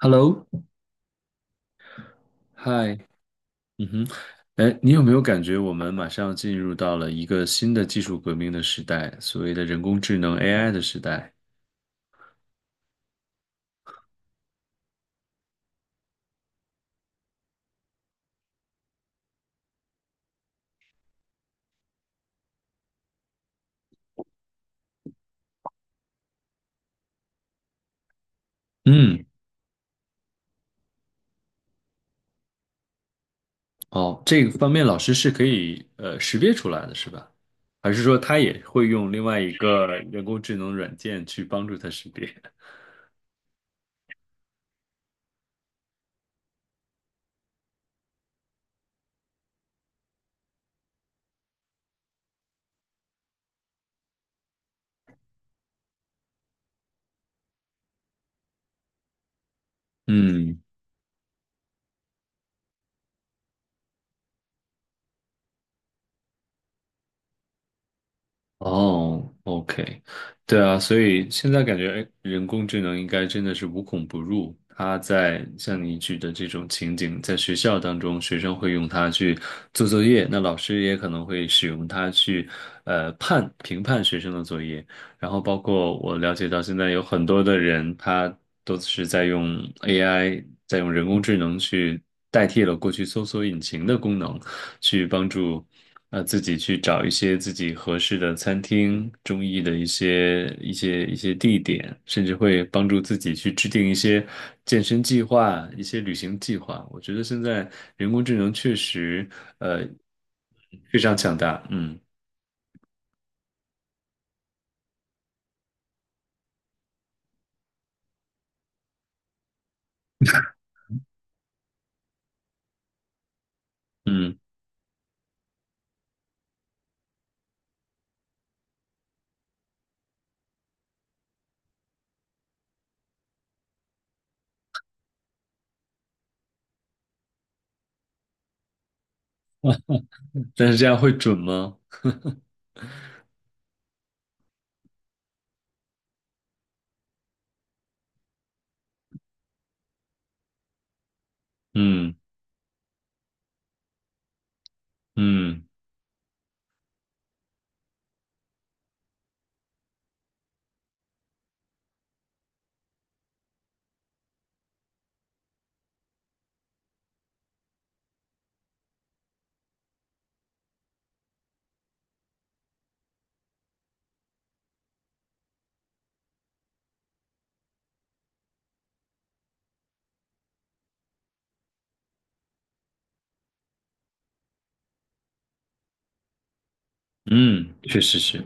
Hello，嗨，嗯哼，哎，你有没有感觉我们马上进入到了一个新的技术革命的时代，所谓的人工智能 AI 的时代？嗯，哦，这个方面老师是可以识别出来的，是吧？还是说他也会用另外一个人工智能软件去帮助他识别？嗯哦，OK，对啊，所以现在感觉哎人工智能应该真的是无孔不入。它在像你举的这种情景，在学校当中，学生会用它去做作业，那老师也可能会使用它去判评判学生的作业。然后包括我了解到，现在有很多的人，他都是在用 AI，在用人工智能去代替了过去搜索引擎的功能，去帮助自己去找一些自己合适的餐厅、中意的一些地点，甚至会帮助自己去制定一些健身计划、一些旅行计划。我觉得现在人工智能确实呃非常强大，嗯嗯，但是这样会准吗？嗯。嗯嗯，确实是，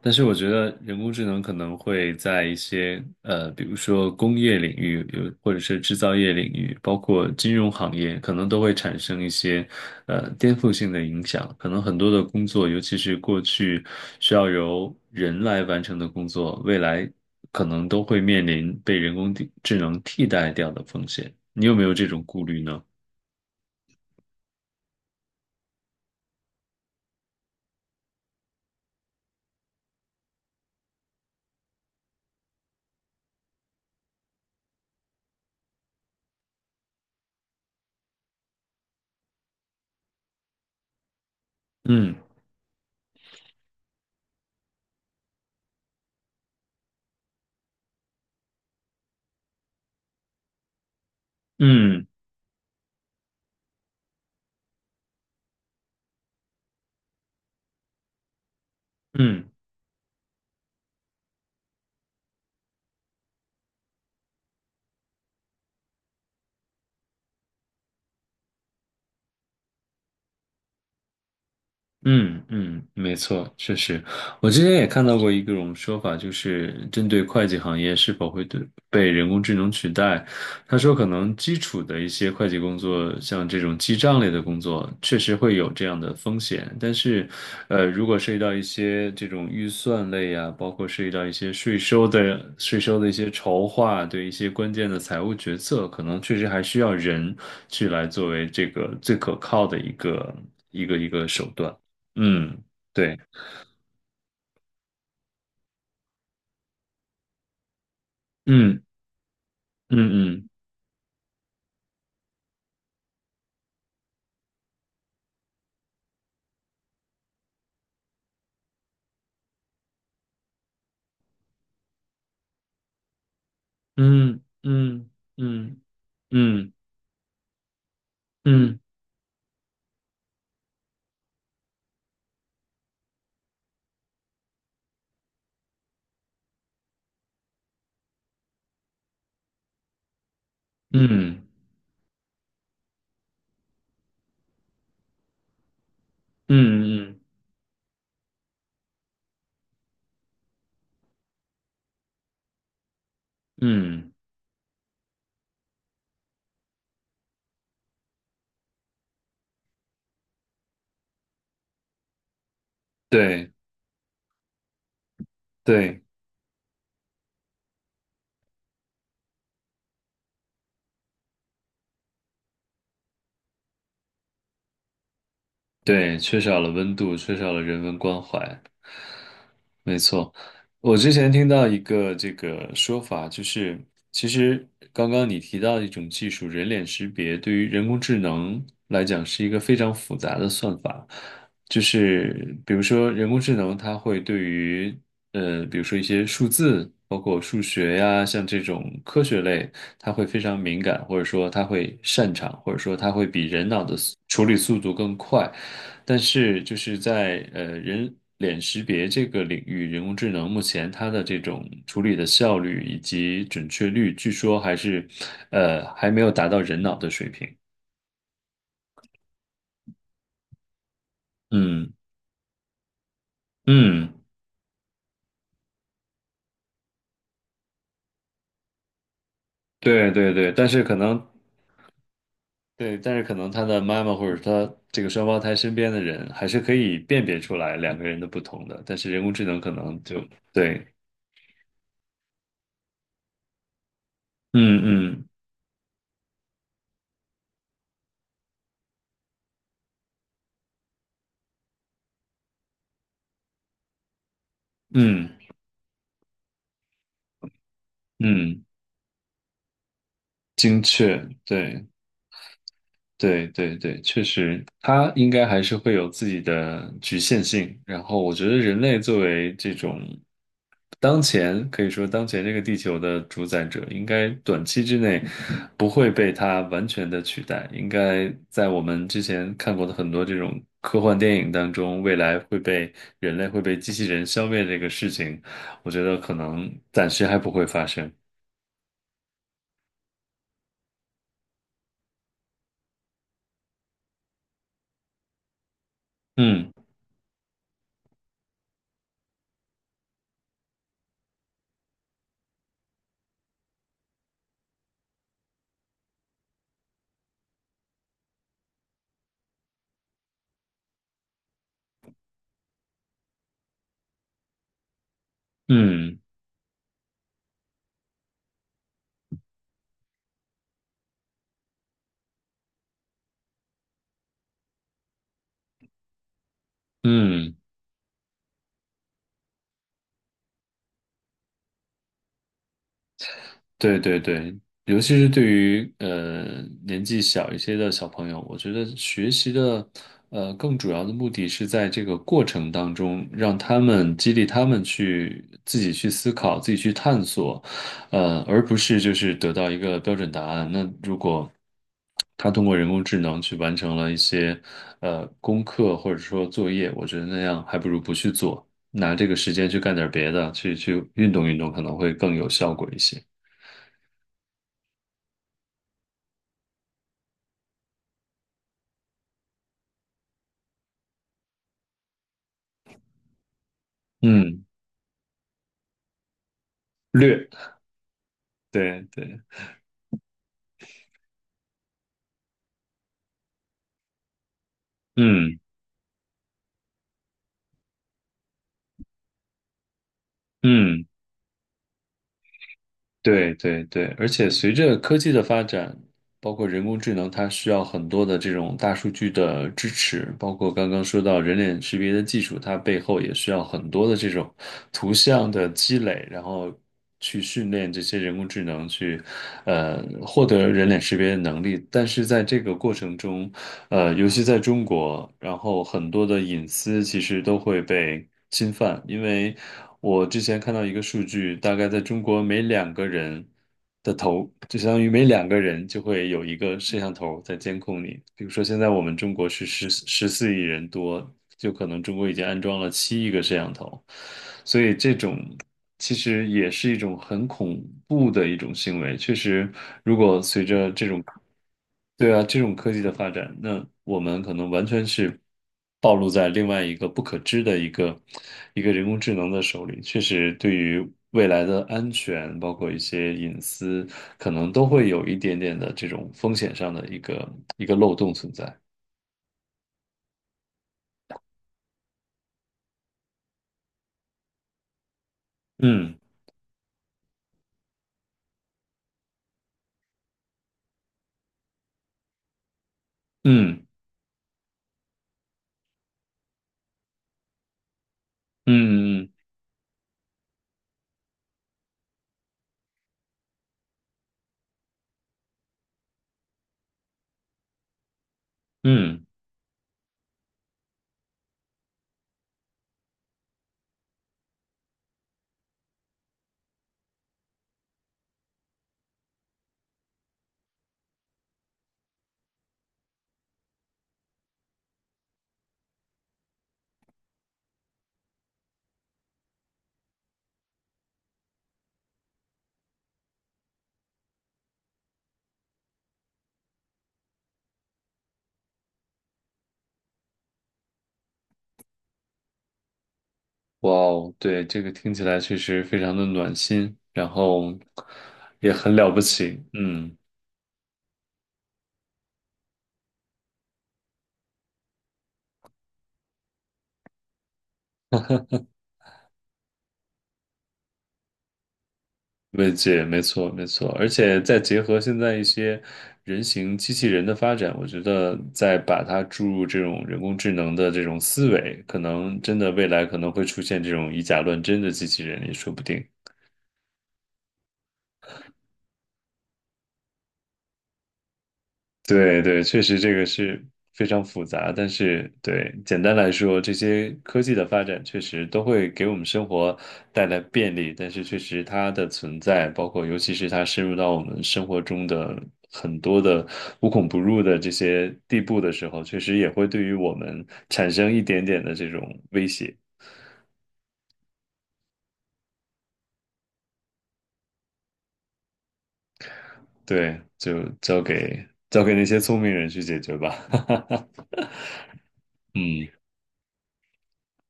但是我觉得人工智能可能会在一些比如说工业领域，有或者是制造业领域，包括金融行业，可能都会产生一些颠覆性的影响。可能很多的工作，尤其是过去需要由人来完成的工作，未来可能都会面临被人工地智能替代掉的风险。你有没有这种顾虑呢？嗯嗯嗯。嗯嗯，没错，确实，我之前也看到过一种说法，就是针对会计行业是否会对被人工智能取代，他说可能基础的一些会计工作，像这种记账类的工作，确实会有这样的风险，但是，如果涉及到一些这种预算类啊，包括涉及到一些税收的一些筹划，对一些关键的财务决策，可能确实还需要人去来作为这个最可靠的一个一个手段。嗯，对，嗯嗯嗯嗯嗯嗯嗯嗯嗯嗯嗯嗯，嗯对对。对，缺少了温度，缺少了人文关怀。没错，我之前听到一个这个说法，就是其实刚刚你提到的一种技术，人脸识别对于人工智能来讲是一个非常复杂的算法，就是比如说人工智能它会对于比如说一些数字，包括数学呀，像这种科学类。他会非常敏感，或者说他会擅长，或者说他会比人脑的处理速度更快。但是就是在人脸识别这个领域，人工智能目前它的这种处理的效率以及准确率，据说还是还没有达到人脑的水平。嗯嗯，对对对，但是可能对，但是可能他的妈妈或者他这个双胞胎身边的人，还是可以辨别出来两个人的不同的，但是人工智能可能就对嗯嗯嗯嗯，精确，对对对对，确实，它应该还是会有自己的局限性。然后，我觉得人类作为这种当前可以说当前这个地球的主宰者，应该短期之内不会被它完全的取代。应该在我们之前看过的很多这种科幻电影当中，未来会被人类会被机器人消灭这个事情，我觉得可能暂时还不会发生。嗯。嗯嗯。对对对，尤其是对于年纪小一些的小朋友，我觉得学习的更主要的目的是在这个过程当中，让他们激励他们去自己去思考、自己去探索，而不是就是得到一个标准答案。那如果他通过人工智能去完成了一些功课或者说作业，我觉得那样还不如不去做，拿这个时间去干点别的，去运动运动可能会更有效果一些。嗯，略，对对，嗯嗯，对对对，而且随着科技的发展，包括人工智能，它需要很多的这种大数据的支持，包括刚刚说到人脸识别的技术，它背后也需要很多的这种图像的积累，然后去训练这些人工智能去，获得人脸识别的能力。但是在这个过程中，尤其在中国，然后很多的隐私其实都会被侵犯，因为我之前看到一个数据，大概在中国每两个人的，就相当于每两个人就会有一个摄像头在监控你。比如说现在我们中国是14亿人多，就可能中国已经安装了7亿个摄像头，所以这种其实也是一种很恐怖的一种行为。确实，如果随着这种对啊，这种科技的发展，那我们可能完全是暴露在另外一个不可知的一个人工智能的手里。确实，对于未来的安全，包括一些隐私，可能都会有一点点的这种风险上的一个漏洞存在。嗯嗯嗯嗯嗯，哇哦，对，这个听起来确实非常的暖心，然后也很了不起。嗯。慰藉，没错，没错，而且再结合现在一些人形机器人的发展，我觉得再把它注入这种人工智能的这种思维，可能真的未来可能会出现这种以假乱真的机器人也说不定。对对，确实这个是非常复杂，但是对，简单来说，这些科技的发展确实都会给我们生活带来便利，但是确实它的存在，包括尤其是它深入到我们生活中的很多的无孔不入的这些地步的时候，确实也会对于我们产生一点点的这种威胁。对，就交给交给那些聪明人去解决吧。嗯。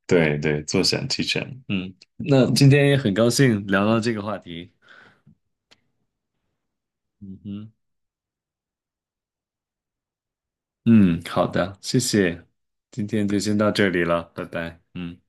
对对，坐享其成。嗯，那今天也很高兴聊到这个话题。嗯哼，嗯，好的，谢谢，今天就先到这里了，拜拜。嗯。